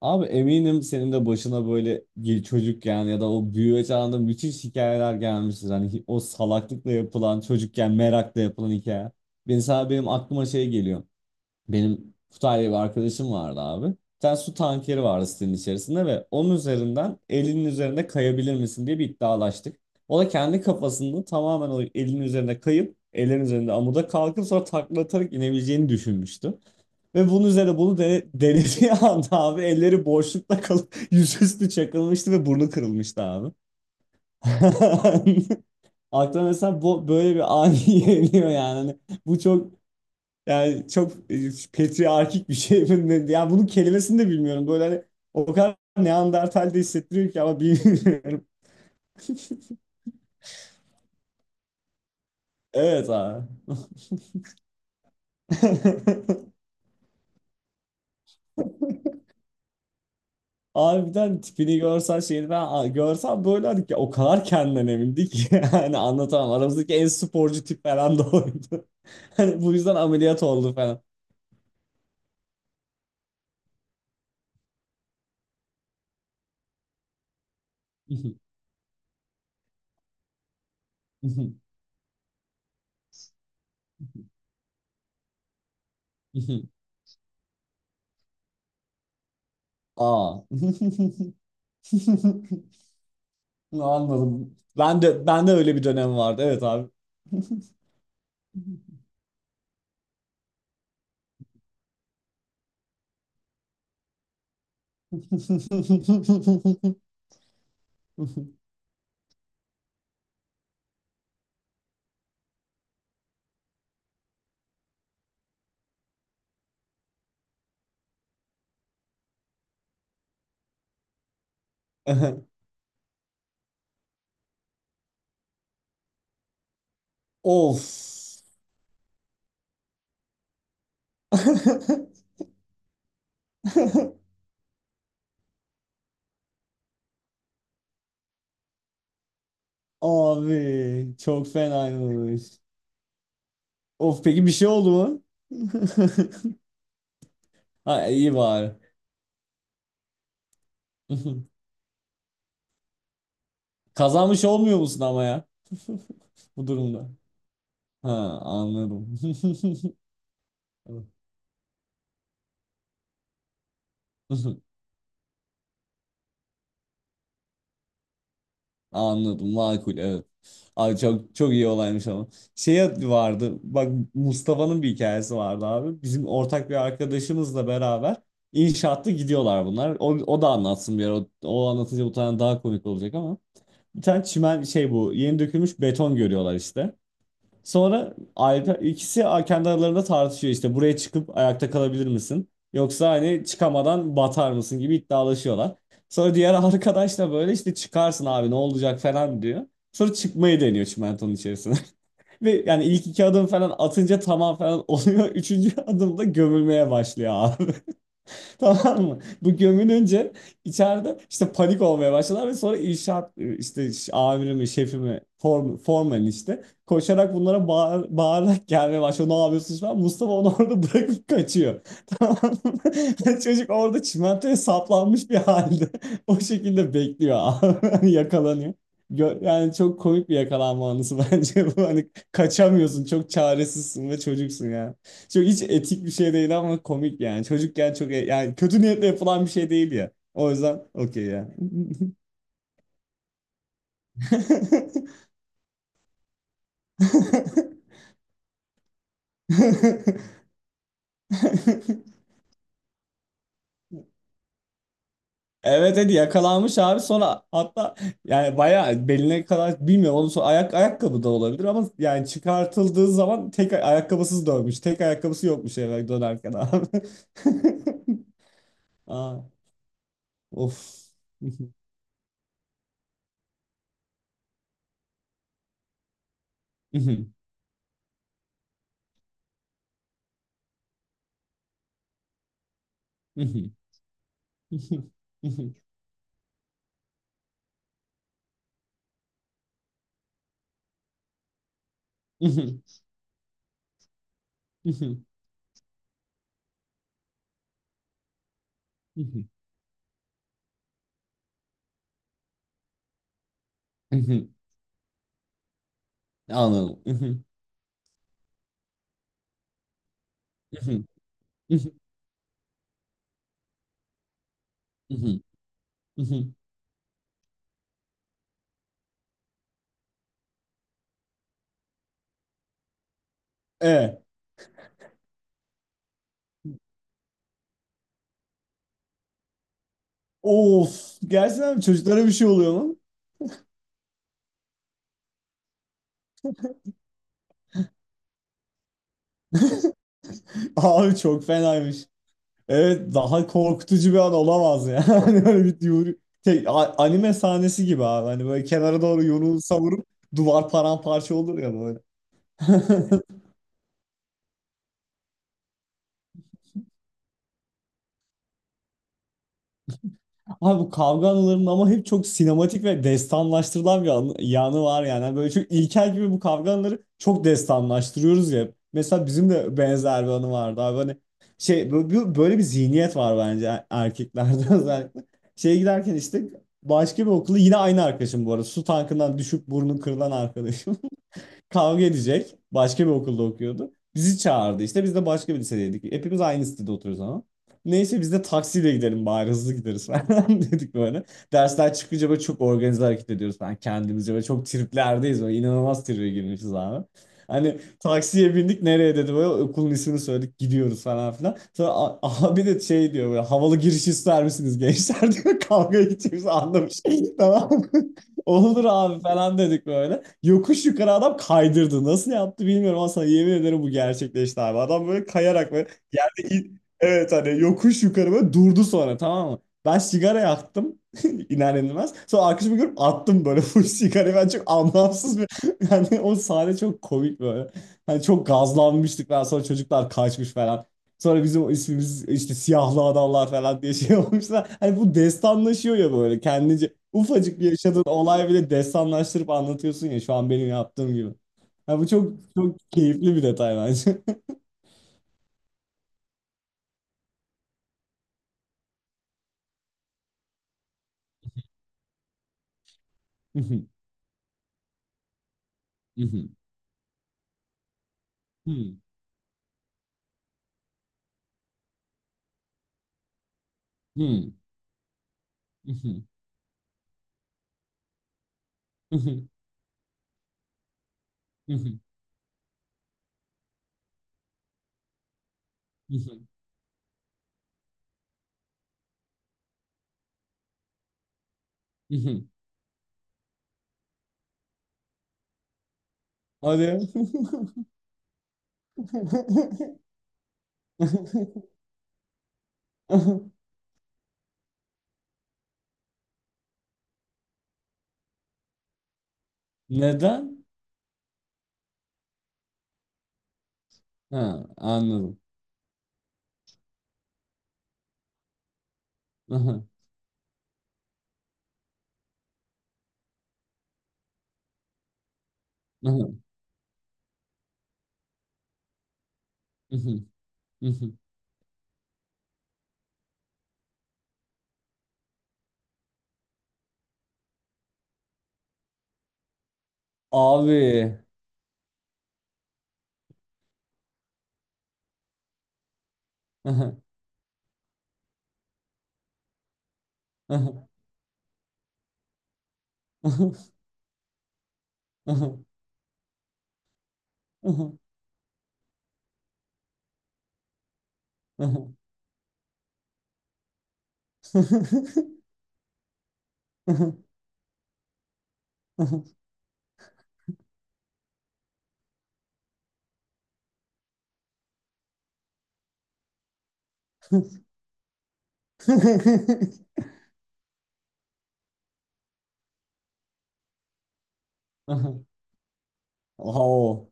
Abi eminim senin de başına böyle çocukken ya da o büyüme çağında müthiş hikayeler gelmiştir. Hani o salaklıkla yapılan çocukken merakla yapılan hikaye. Ben sana benim aklıma şey geliyor. Benim Kutay bir arkadaşım vardı abi. Bir tane su tankeri vardı sitenin içerisinde ve onun üzerinden elinin üzerinde kayabilir misin diye bir iddialaştık. O da kendi kafasında tamamen o elinin üzerine kayıp ellerin üzerinde amuda kalkıp sonra takla atarak inebileceğini düşünmüştü. Ve bunun üzerine bunu denediği anda abi elleri boşlukta kalıp yüzüstü çakılmıştı ve burnu kırılmıştı abi. Aklıma mesela bu, böyle bir ani geliyor yani. Hani bu çok yani çok patriarkik bir şey. Yani bunun kelimesini de bilmiyorum. Böyle hani o kadar Neandertal de hissettiriyor ki ama bilmiyorum. Evet abi. Harbiden tipini görsen şeyini ben görsem böyle hani ki o kadar kendinden emindi ki yani anlatamam. Aramızdaki en sporcu tip falan da oydu. Hani bu yüzden ameliyat oldu falan. Aa. Anladım. Ben de öyle bir dönem vardı. Evet abi. Of. Abi çok fenaymış. Of peki bir şey oldu mu? Ha iyi bari. Kazanmış olmuyor musun ama ya? Bu durumda. Ha anladım. Anladım makul evet. Abi çok çok iyi olaymış ama. Şey vardı bak Mustafa'nın bir hikayesi vardı abi. Bizim ortak bir arkadaşımızla beraber inşaatta gidiyorlar bunlar. O da anlatsın bir ara. O anlatınca bu tane daha komik olacak ama. Bir tane çimen şey bu yeni dökülmüş beton görüyorlar işte. Sonra ayrı, ikisi kendi aralarında tartışıyor işte buraya çıkıp ayakta kalabilir misin? Yoksa hani çıkamadan batar mısın gibi iddialaşıyorlar. Sonra diğer arkadaş da böyle işte çıkarsın abi ne olacak falan diyor. Sonra çıkmayı deniyor çimentonun içerisine. Ve yani ilk iki adım falan atınca tamam falan oluyor. Üçüncü adımda gömülmeye başlıyor abi. Tamam mı? Bu gömülünce içeride işte panik olmaya başladılar ve sonra inşaat işte amirimi, şefimi, form, formen işte koşarak bunlara bağırarak gelmeye başlıyor. Ne yapıyorsunuz falan. Mustafa onu orada bırakıp kaçıyor. Tamam mı? Çocuk orada çimentoya saplanmış bir halde o şekilde bekliyor abi. Hani yakalanıyor. Yani çok komik bir yakalanma anısı bence bu. Hani kaçamıyorsun, çok çaresizsin ve çocuksun yani. Çok hiç etik bir şey değil ama komik yani. Çocukken çok yani kötü niyetle yapılan bir şey değil ya. O yüzden okey ya. Evet dedi yakalanmış abi sonra hatta yani bayağı beline kadar bilmiyorum onun sonra ayakkabı da olabilir ama yani çıkartıldığı zaman tek ayakkabısız dönmüş. Tek ayakkabısı yokmuş eve dönerken abi. Aa, of. Mhm, anladım. Mhm. Mhm. Mhm. Mhm. Mhm. Evet. Of. Gerçekten mi? Çocuklara bir şey oluyor mu? Abi çok fenaymış. Evet daha korkutucu bir an olamaz ya. Hani böyle bir anime sahnesi gibi abi. Hani böyle kenara doğru yumruğunu savurup duvar paramparça olur ya böyle. Abi bu kavga anılarının ama hep çok sinematik ve destanlaştırılan bir yanı var yani. Yani böyle çok ilkel gibi bu kavga anıları çok destanlaştırıyoruz ya. Mesela bizim de benzer bir anı vardı abi. Hani şey böyle bir zihniyet var bence erkeklerde özellikle. Şeye giderken işte başka bir okulu yine aynı arkadaşım bu arada. Su tankından düşüp burnu kırılan arkadaşım. Kavga edecek. Başka bir okulda okuyordu. Bizi çağırdı işte. Biz de başka bir lisedeydik. Hepimiz aynı sitede oturuyoruz ama. Neyse biz de taksiyle gidelim bari hızlı gideriz falan dedik böyle. Dersler çıkınca böyle çok organize hareket ediyoruz falan kendimizce. Böyle çok triplerdeyiz böyle inanılmaz tribe girmişiz abi. Hani taksiye bindik nereye dedi böyle okulun ismini söyledik gidiyoruz falan filan. Sonra abi de şey diyor böyle havalı giriş ister misiniz gençler diyor kavga edeceğiz anlamış. Tamam mı? Olur abi falan dedik böyle. Yokuş yukarı adam kaydırdı. Nasıl yaptı bilmiyorum ama sana yemin ederim bu gerçekleşti abi. Adam böyle kayarak böyle yerdeki, evet hani yokuş yukarı böyle durdu sonra tamam mı? Ben sigara yaktım iner inmez. Sonra arkadaşımı görüp attım böyle full sigarayı. Ben çok anlamsız bir yani o sahne çok komik böyle. Hani çok gazlanmıştık ben sonra çocuklar kaçmış falan. Sonra bizim ismimiz işte siyahlı adamlar falan diye şey olmuşlar. Hani bu destanlaşıyor ya böyle kendince. Ufacık bir yaşadığın olay bile destanlaştırıp anlatıyorsun ya şu an benim yaptığım gibi. Ha, bu çok çok keyifli bir detay bence. Hadi. Neden? Ha, anladım. Abi. Oo.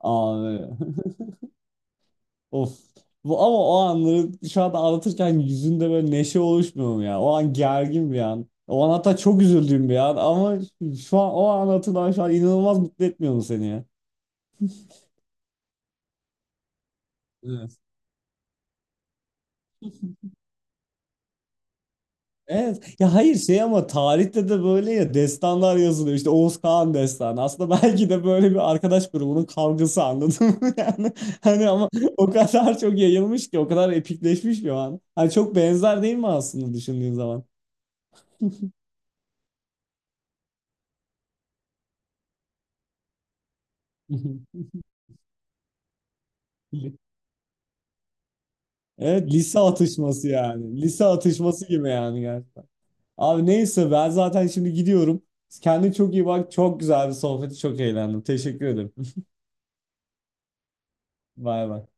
Abi. Of. Bu, ama o anları şu anda anlatırken yüzünde böyle neşe oluşmuyor mu ya? O an gergin bir an. O an hatta çok üzüldüğüm bir an ama şu an o an hatırlaman şu an inanılmaz mutlu etmiyor mu seni ya? Evet. Ya hayır şey ama tarihte de böyle ya destanlar yazılıyor. İşte Oğuz Kağan destanı. Aslında belki de böyle bir arkadaş grubunun kavgası anladın mı? Yani hani ama o kadar çok yayılmış ki o kadar epikleşmiş ki o an. Hani çok benzer değil mi aslında düşündüğün zaman? Evet lise atışması yani. Lise atışması gibi yani gerçekten. Abi neyse ben zaten şimdi gidiyorum. Kendine çok iyi bak. Çok güzel bir sohbeti çok eğlendim. Teşekkür ederim. Bay bay.